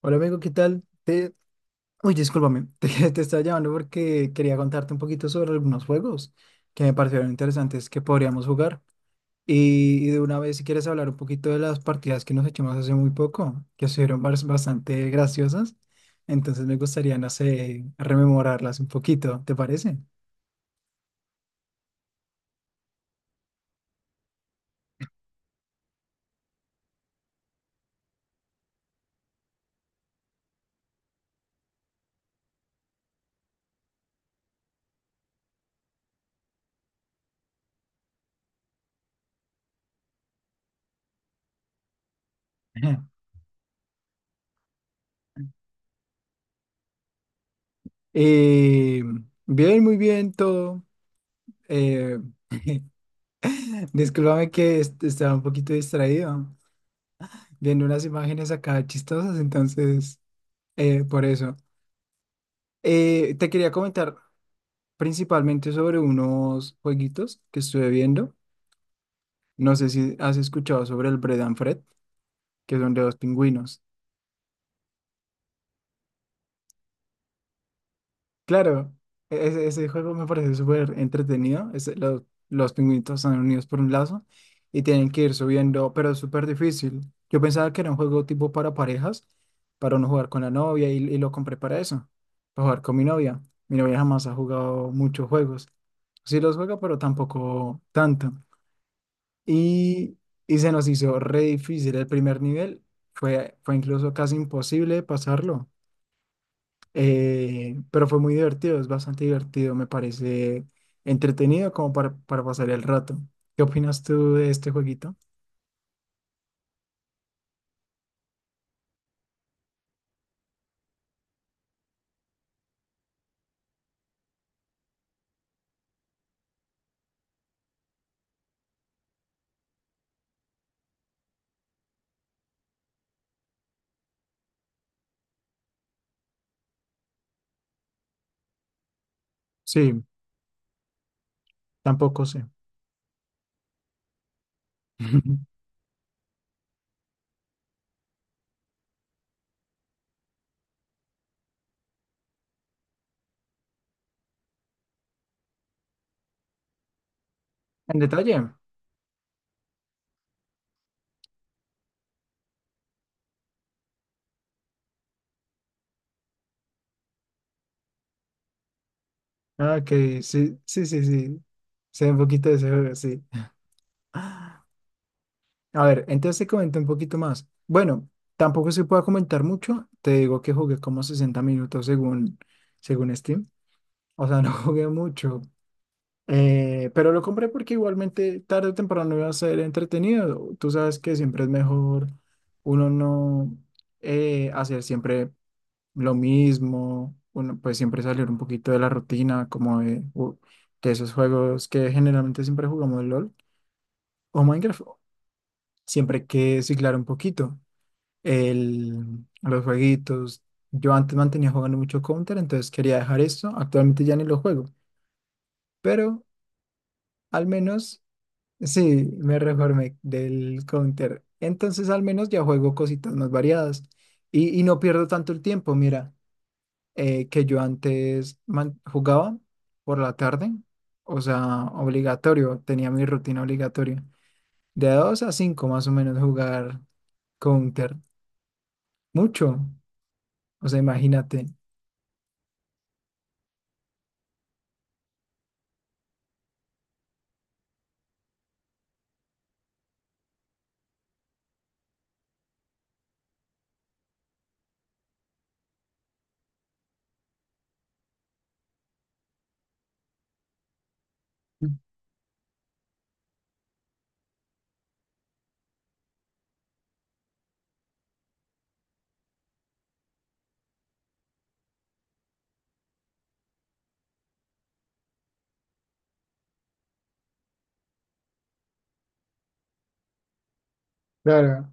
Hola amigo, ¿qué tal? Te... discúlpame, te estaba llamando porque quería contarte un poquito sobre algunos juegos que me parecieron interesantes que podríamos jugar. Y de una vez, si quieres hablar un poquito de las partidas que nos echamos hace muy poco, que estuvieron bastante graciosas, entonces me gustaría, no sé, rememorarlas un poquito, ¿te parece? Ajá. Eh, Bien, muy bien, todo. Eh, discúlpame que estaba un poquito distraído viendo unas imágenes acá chistosas, entonces... Por eso. Te quería comentar principalmente sobre unos jueguitos que estuve viendo. No sé si has escuchado sobre el Bread and Fred, que son de dos pingüinos. Claro, ese juego me parece súper entretenido. Los pingüinos están unidos por un lazo y tienen que ir subiendo, pero es súper difícil. Yo pensaba que era un juego tipo para parejas, para uno jugar con la novia y lo compré para eso, para jugar con mi novia. Mi novia jamás ha jugado muchos juegos. Sí los juega, pero tampoco tanto. Y, y se nos hizo re difícil el primer nivel. Fue incluso casi imposible pasarlo. Pero fue muy divertido, es bastante divertido, me parece entretenido como para pasar el rato. ¿Qué opinas tú de este jueguito? Sí, tampoco sé. En detalle. Ah, ok, sí, sí, sí, sí. Sé un poquito de ese juego, sí. A ver, entonces te comento un poquito más. Bueno, tampoco se puede comentar mucho. Te digo que jugué como 60 minutos según, según Steam. O sea, no jugué mucho. Pero lo compré porque igualmente tarde o temprano iba a ser entretenido. Tú sabes que siempre es mejor uno no hacer siempre lo mismo. Uno pues siempre salir un poquito de la rutina, como de, de esos juegos que generalmente siempre jugamos LOL o Minecraft. Siempre hay que ciclar un poquito. Los jueguitos. Yo antes mantenía jugando mucho Counter, entonces quería dejar esto. Actualmente ya ni lo juego, pero al menos sí me reformé del Counter. Entonces al menos ya juego cositas más variadas y no pierdo tanto el tiempo. Mira, que yo antes jugaba por la tarde, o sea, obligatorio, tenía mi rutina obligatoria. De 2 a 5 más o menos jugar Counter. Mucho, o sea, imagínate. Claro.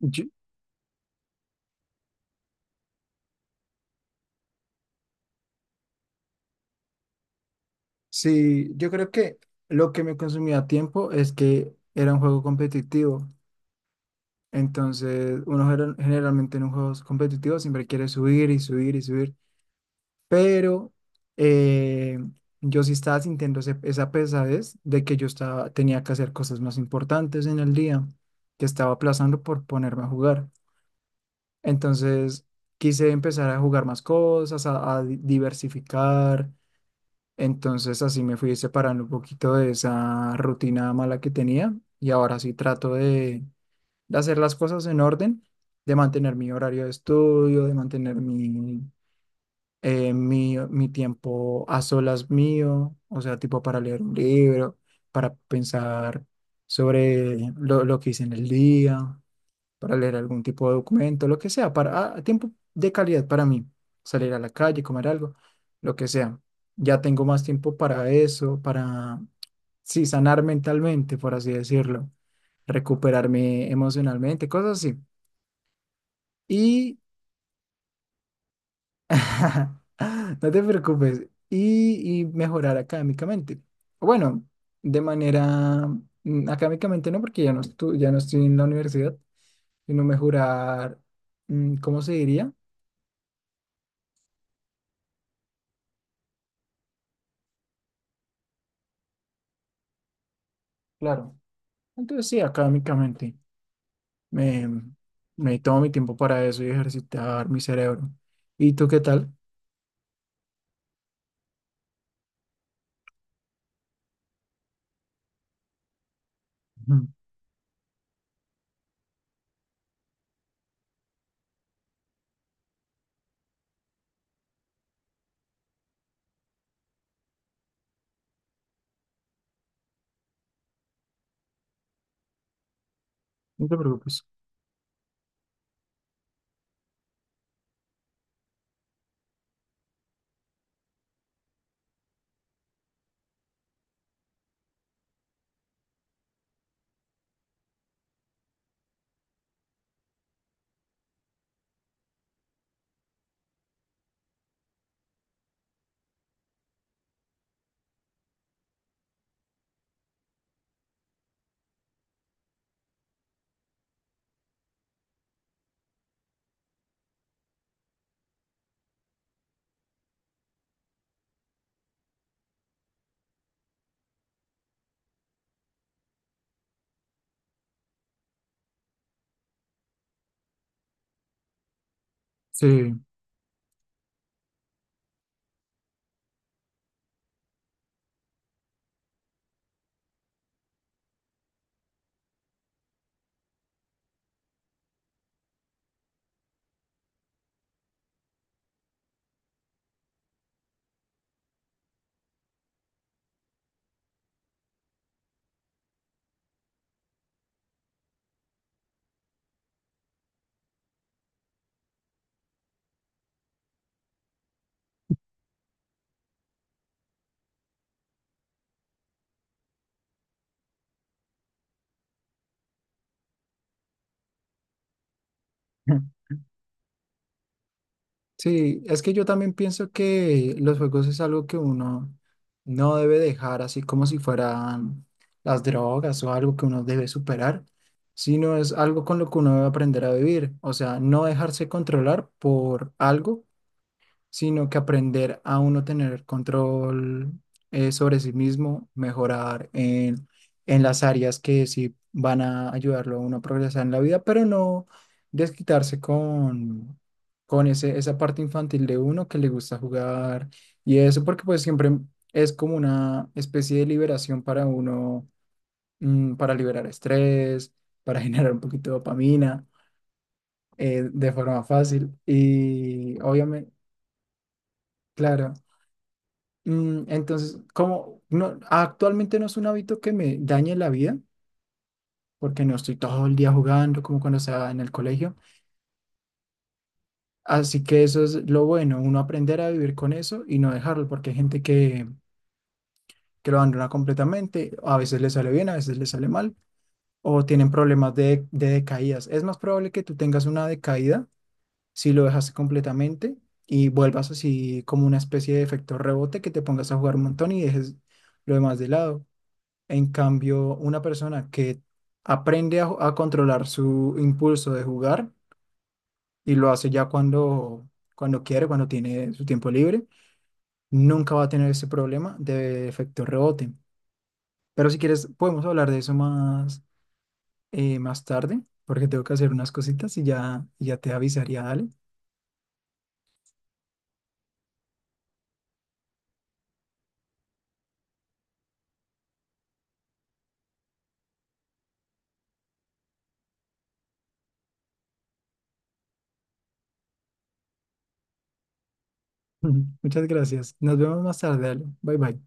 Yo- sí, yo creo que lo que me consumía tiempo es que era un juego competitivo. Entonces, uno generalmente en un juego competitivo siempre quiere subir y subir y subir. Pero eh, yo sí estaba sintiendo esa pesadez de que yo estaba, tenía que hacer cosas más importantes en el día, que estaba aplazando por ponerme a jugar. Entonces, quise empezar a jugar más cosas, a diversificar. Entonces así me fui separando un poquito de esa rutina mala que tenía y ahora sí trato de hacer las cosas en orden, de mantener mi horario de estudio, de mantener mi tiempo a solas mío, o sea, tipo para leer un libro, para pensar sobre lo que hice en el día, para leer algún tipo de documento, lo que sea, para ah, tiempo de calidad para mí, salir a la calle, comer algo, lo que sea. Ya tengo más tiempo para eso, para, sí, sanar mentalmente, por así decirlo, recuperarme emocionalmente, cosas así. Y, no te preocupes, y mejorar académicamente. Bueno, de manera, académicamente no, porque ya no, ya no estoy en la universidad, sino mejorar, ¿cómo se diría? Claro. Entonces sí, académicamente me, me tomo mi tiempo para eso y ejercitar mi cerebro. ¿Y tú qué tal? Ujú. No te preocupes. Sí, sí, es que yo también pienso que los juegos es algo que uno no debe dejar así como si fueran las drogas o algo que uno debe superar, sino es algo con lo que uno debe aprender a vivir. O sea, no dejarse controlar por algo sino que aprender a uno tener control sobre sí mismo, mejorar en las áreas que sí van a ayudarlo a uno a progresar en la vida, pero no desquitarse con esa parte infantil de uno que le gusta jugar y eso, porque pues siempre es como una especie de liberación para uno, para liberar estrés, para generar un poquito de dopamina de forma fácil y obviamente, claro. Entonces, como no, actualmente no es un hábito que me dañe la vida, porque no estoy todo el día jugando como cuando estaba en el colegio. Así que eso es lo bueno, uno aprender a vivir con eso y no dejarlo, porque hay gente que lo abandona completamente, a veces le sale bien, a veces le sale mal, o tienen problemas de decaídas. Es más probable que tú tengas una decaída si lo dejaste completamente y vuelvas así como una especie de efecto rebote que te pongas a jugar un montón y dejes lo demás de lado. En cambio, una persona que aprende a controlar su impulso de jugar y lo hace ya cuando quiere, cuando tiene su tiempo libre, nunca va a tener ese problema de efecto rebote. Pero si quieres, podemos hablar de eso más, más tarde, porque tengo que hacer unas cositas y ya te avisaría, dale. Muchas gracias. Nos vemos más tarde, dale. Bye bye.